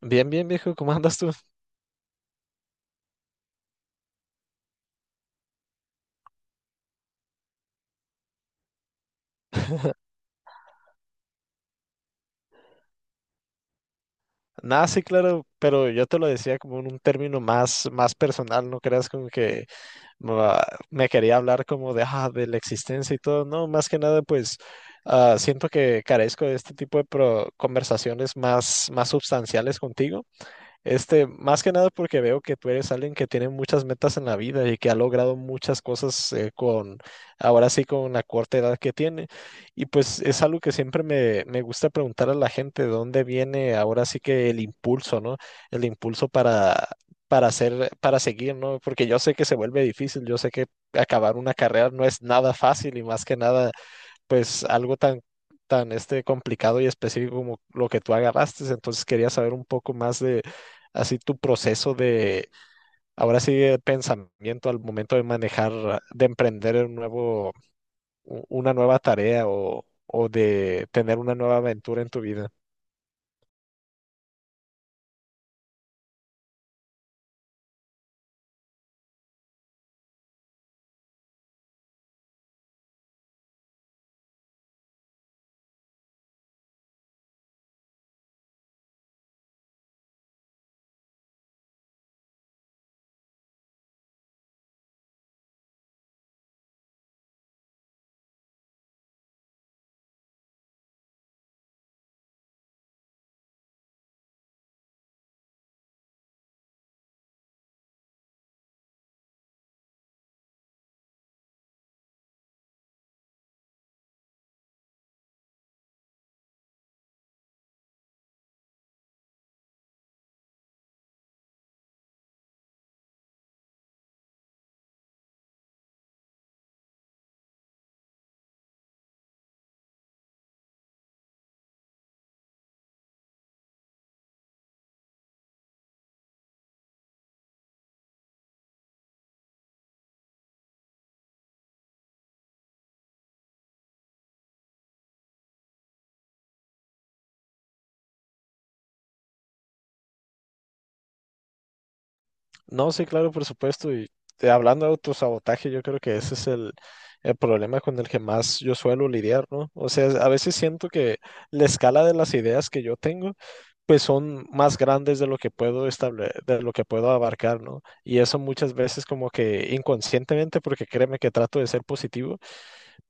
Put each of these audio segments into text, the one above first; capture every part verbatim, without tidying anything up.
Bien, bien, viejo, ¿cómo andas tú? Nada, sí, claro, pero yo te lo decía como en un término más, más personal, no creas como que ah, me quería hablar como de, ah, de la existencia y todo, no, más que nada, pues ah, siento que carezco de este tipo de pro- conversaciones más, más substanciales contigo. Este, más que nada porque veo que tú eres alguien que tiene muchas metas en la vida y que ha logrado muchas cosas eh, con, ahora sí, con la corta edad que tiene. Y pues es algo que siempre me, me gusta preguntar a la gente, ¿de dónde viene ahora sí que el impulso, ¿no? El impulso para, para hacer, para seguir, ¿no? Porque yo sé que se vuelve difícil, yo sé que acabar una carrera no es nada fácil y más que nada pues algo tan, tan este complicado y específico como lo que tú agarraste. Entonces quería saber un poco más de así tu proceso de, ahora sí, de pensamiento al momento de manejar, de emprender un nuevo, u- una nueva tarea o, o de tener una nueva aventura en tu vida. No, sí, claro, por supuesto. Y eh, hablando de autosabotaje, yo creo que ese es el... el problema con el que más yo suelo lidiar, ¿no? O sea, a veces siento que la escala de las ideas que yo tengo pues son más grandes de lo que puedo estable- de lo que puedo abarcar, ¿no? Y eso muchas veces como que inconscientemente, porque créeme que trato de ser positivo,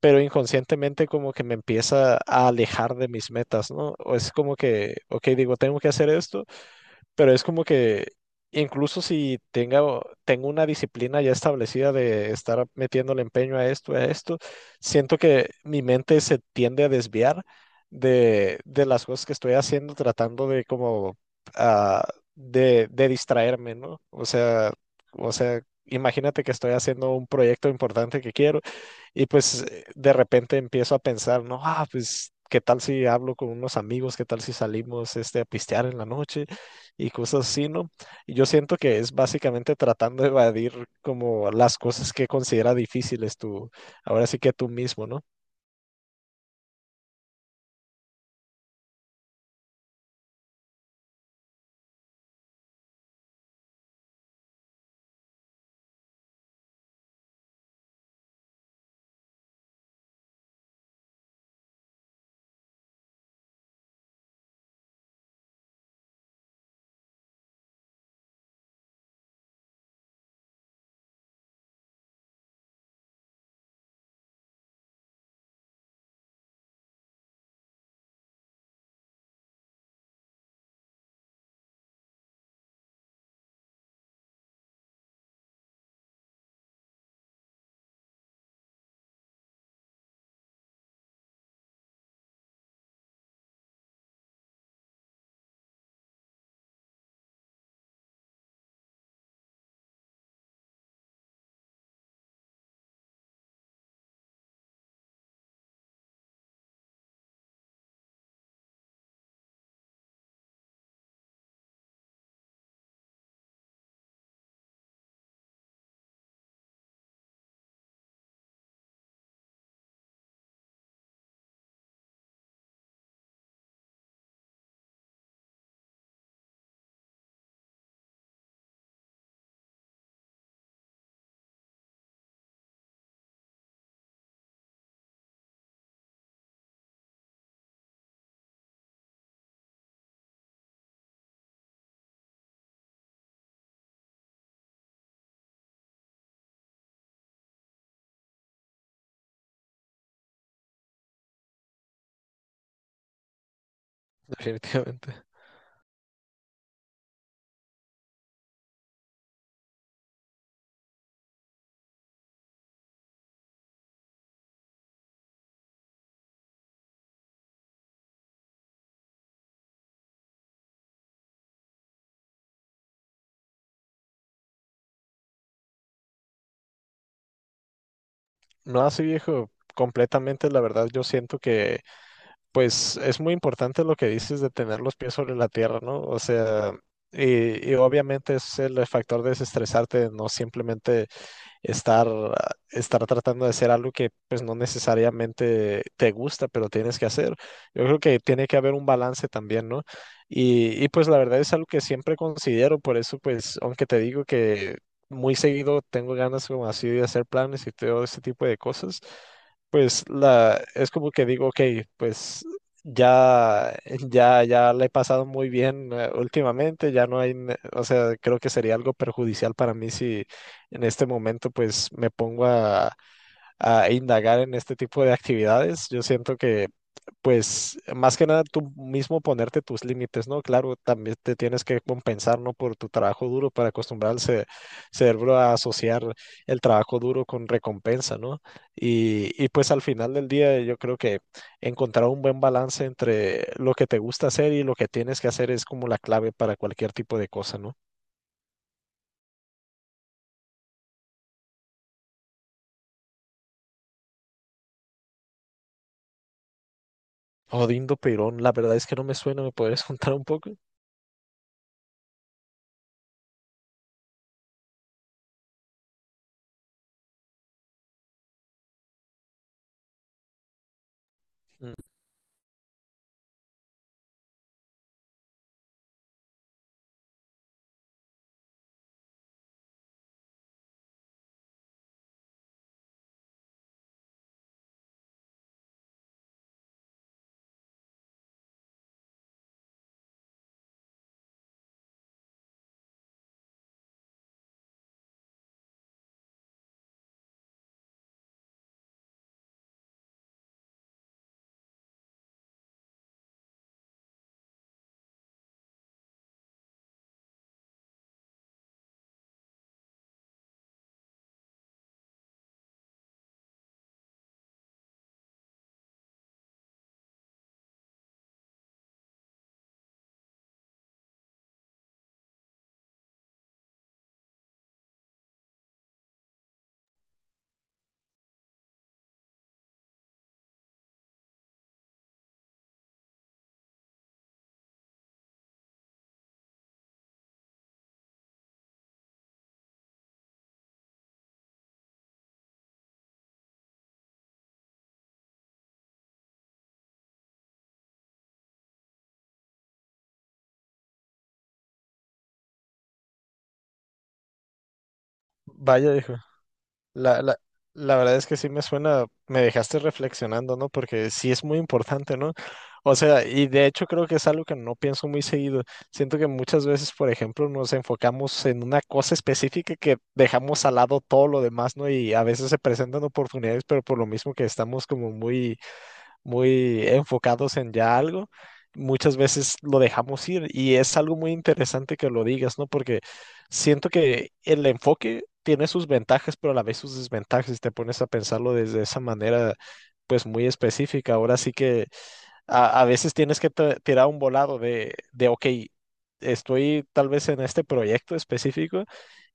pero inconscientemente como que me empieza a alejar de mis metas, ¿no? O es como que, ok, digo, tengo que hacer esto, pero es como que incluso si tenga, o- tengo una disciplina ya establecida de estar metiéndole empeño a esto, a esto, siento que mi mente se tiende a desviar de, de las cosas que estoy haciendo, tratando de como ah, de, de distraerme, ¿no? O sea, o sea, imagínate que estoy haciendo un proyecto importante que quiero y pues eh, de repente empiezo a pensar, no, ah, pues qué tal si hablo con unos amigos, qué tal si salimos este, a pistear en la noche y cosas así, ¿no? Y yo siento que es básicamente tratando de evadir como las cosas que considera difíciles tú, ahora sí que tú mismo, ¿no? Definitivamente. No así, viejo, completamente, la verdad, yo siento que pues es muy importante lo que dices de tener los pies sobre la tierra, ¿no? O sea, Y, y obviamente es el factor de desestresarte, no simplemente estar, estar tratando de hacer algo que pues no necesariamente te gusta, pero tienes que hacer. Yo creo que tiene que haber un balance también, ¿no? Y, y pues la verdad es algo que siempre considero, por eso pues aunque te digo que muy seguido tengo ganas como así de hacer planes y todo ese tipo de cosas, pues la, es como que digo, ok, pues ya, ya, ya le he pasado muy bien eh, últimamente, ya no hay, ne- o sea, creo que sería algo perjudicial para mí si, en este momento pues me pongo a, a indagar en este tipo de actividades. Yo siento que pues más que nada tú mismo ponerte tus límites, ¿no? Claro, también te tienes que compensar, ¿no? Por tu trabajo duro para acostumbrar al ce- cerebro a asociar el trabajo duro con recompensa, ¿no? Y, y pues al final del día yo creo que encontrar un buen balance entre lo que te gusta hacer y lo que tienes que hacer es como la clave para cualquier tipo de cosa, ¿no? Odindo Perón, la verdad es que no me suena, ¿me podrías contar un poco? Mm. Vaya, dijo. La, la, la verdad es que sí me suena, me dejaste reflexionando, ¿no? Porque sí es muy importante, ¿no? O sea, y de hecho creo que es algo que no pienso muy seguido. Siento que muchas veces, por ejemplo, nos enfocamos en una cosa específica que dejamos al lado todo lo demás, ¿no? Y a veces se presentan oportunidades, pero por lo mismo que estamos como muy muy enfocados en ya algo, muchas veces lo dejamos ir y es algo muy interesante que lo digas, ¿no? Porque siento que el enfoque tiene sus ventajas, pero a la vez sus desventajas, si te pones a pensarlo desde esa manera, pues muy específica. Ahora sí que a, a veces tienes que tra- tirar un volado de, de, ok, estoy tal vez en este proyecto específico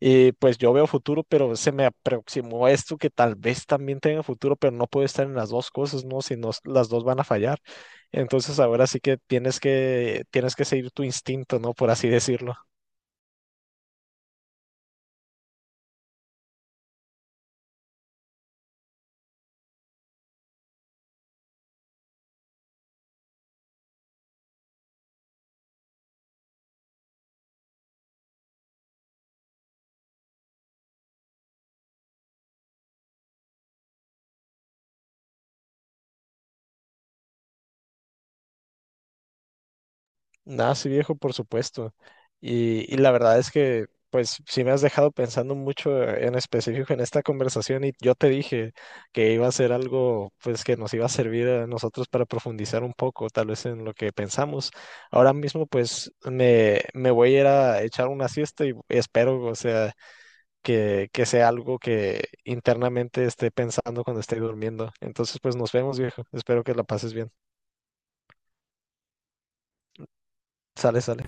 y pues yo veo futuro, pero se me aproximó esto que tal vez también tenga futuro, pero no puedo estar en las dos cosas, ¿no? Si no, las dos van a fallar. Entonces ahora sí que tienes que, tienes que seguir tu instinto, ¿no? Por así decirlo. Nada, sí, viejo, por supuesto. Y, y la verdad es que, pues, sí me has dejado pensando mucho en específico en esta conversación y yo te dije que iba a ser algo, pues, que nos iba a servir a nosotros para profundizar un poco, tal vez en lo que pensamos. Ahora mismo, pues, me, me voy a ir a echar una siesta y espero, o sea, que, que sea algo que internamente esté pensando cuando esté durmiendo. Entonces, pues, nos vemos, viejo. Espero que la pases bien. Sale, sale.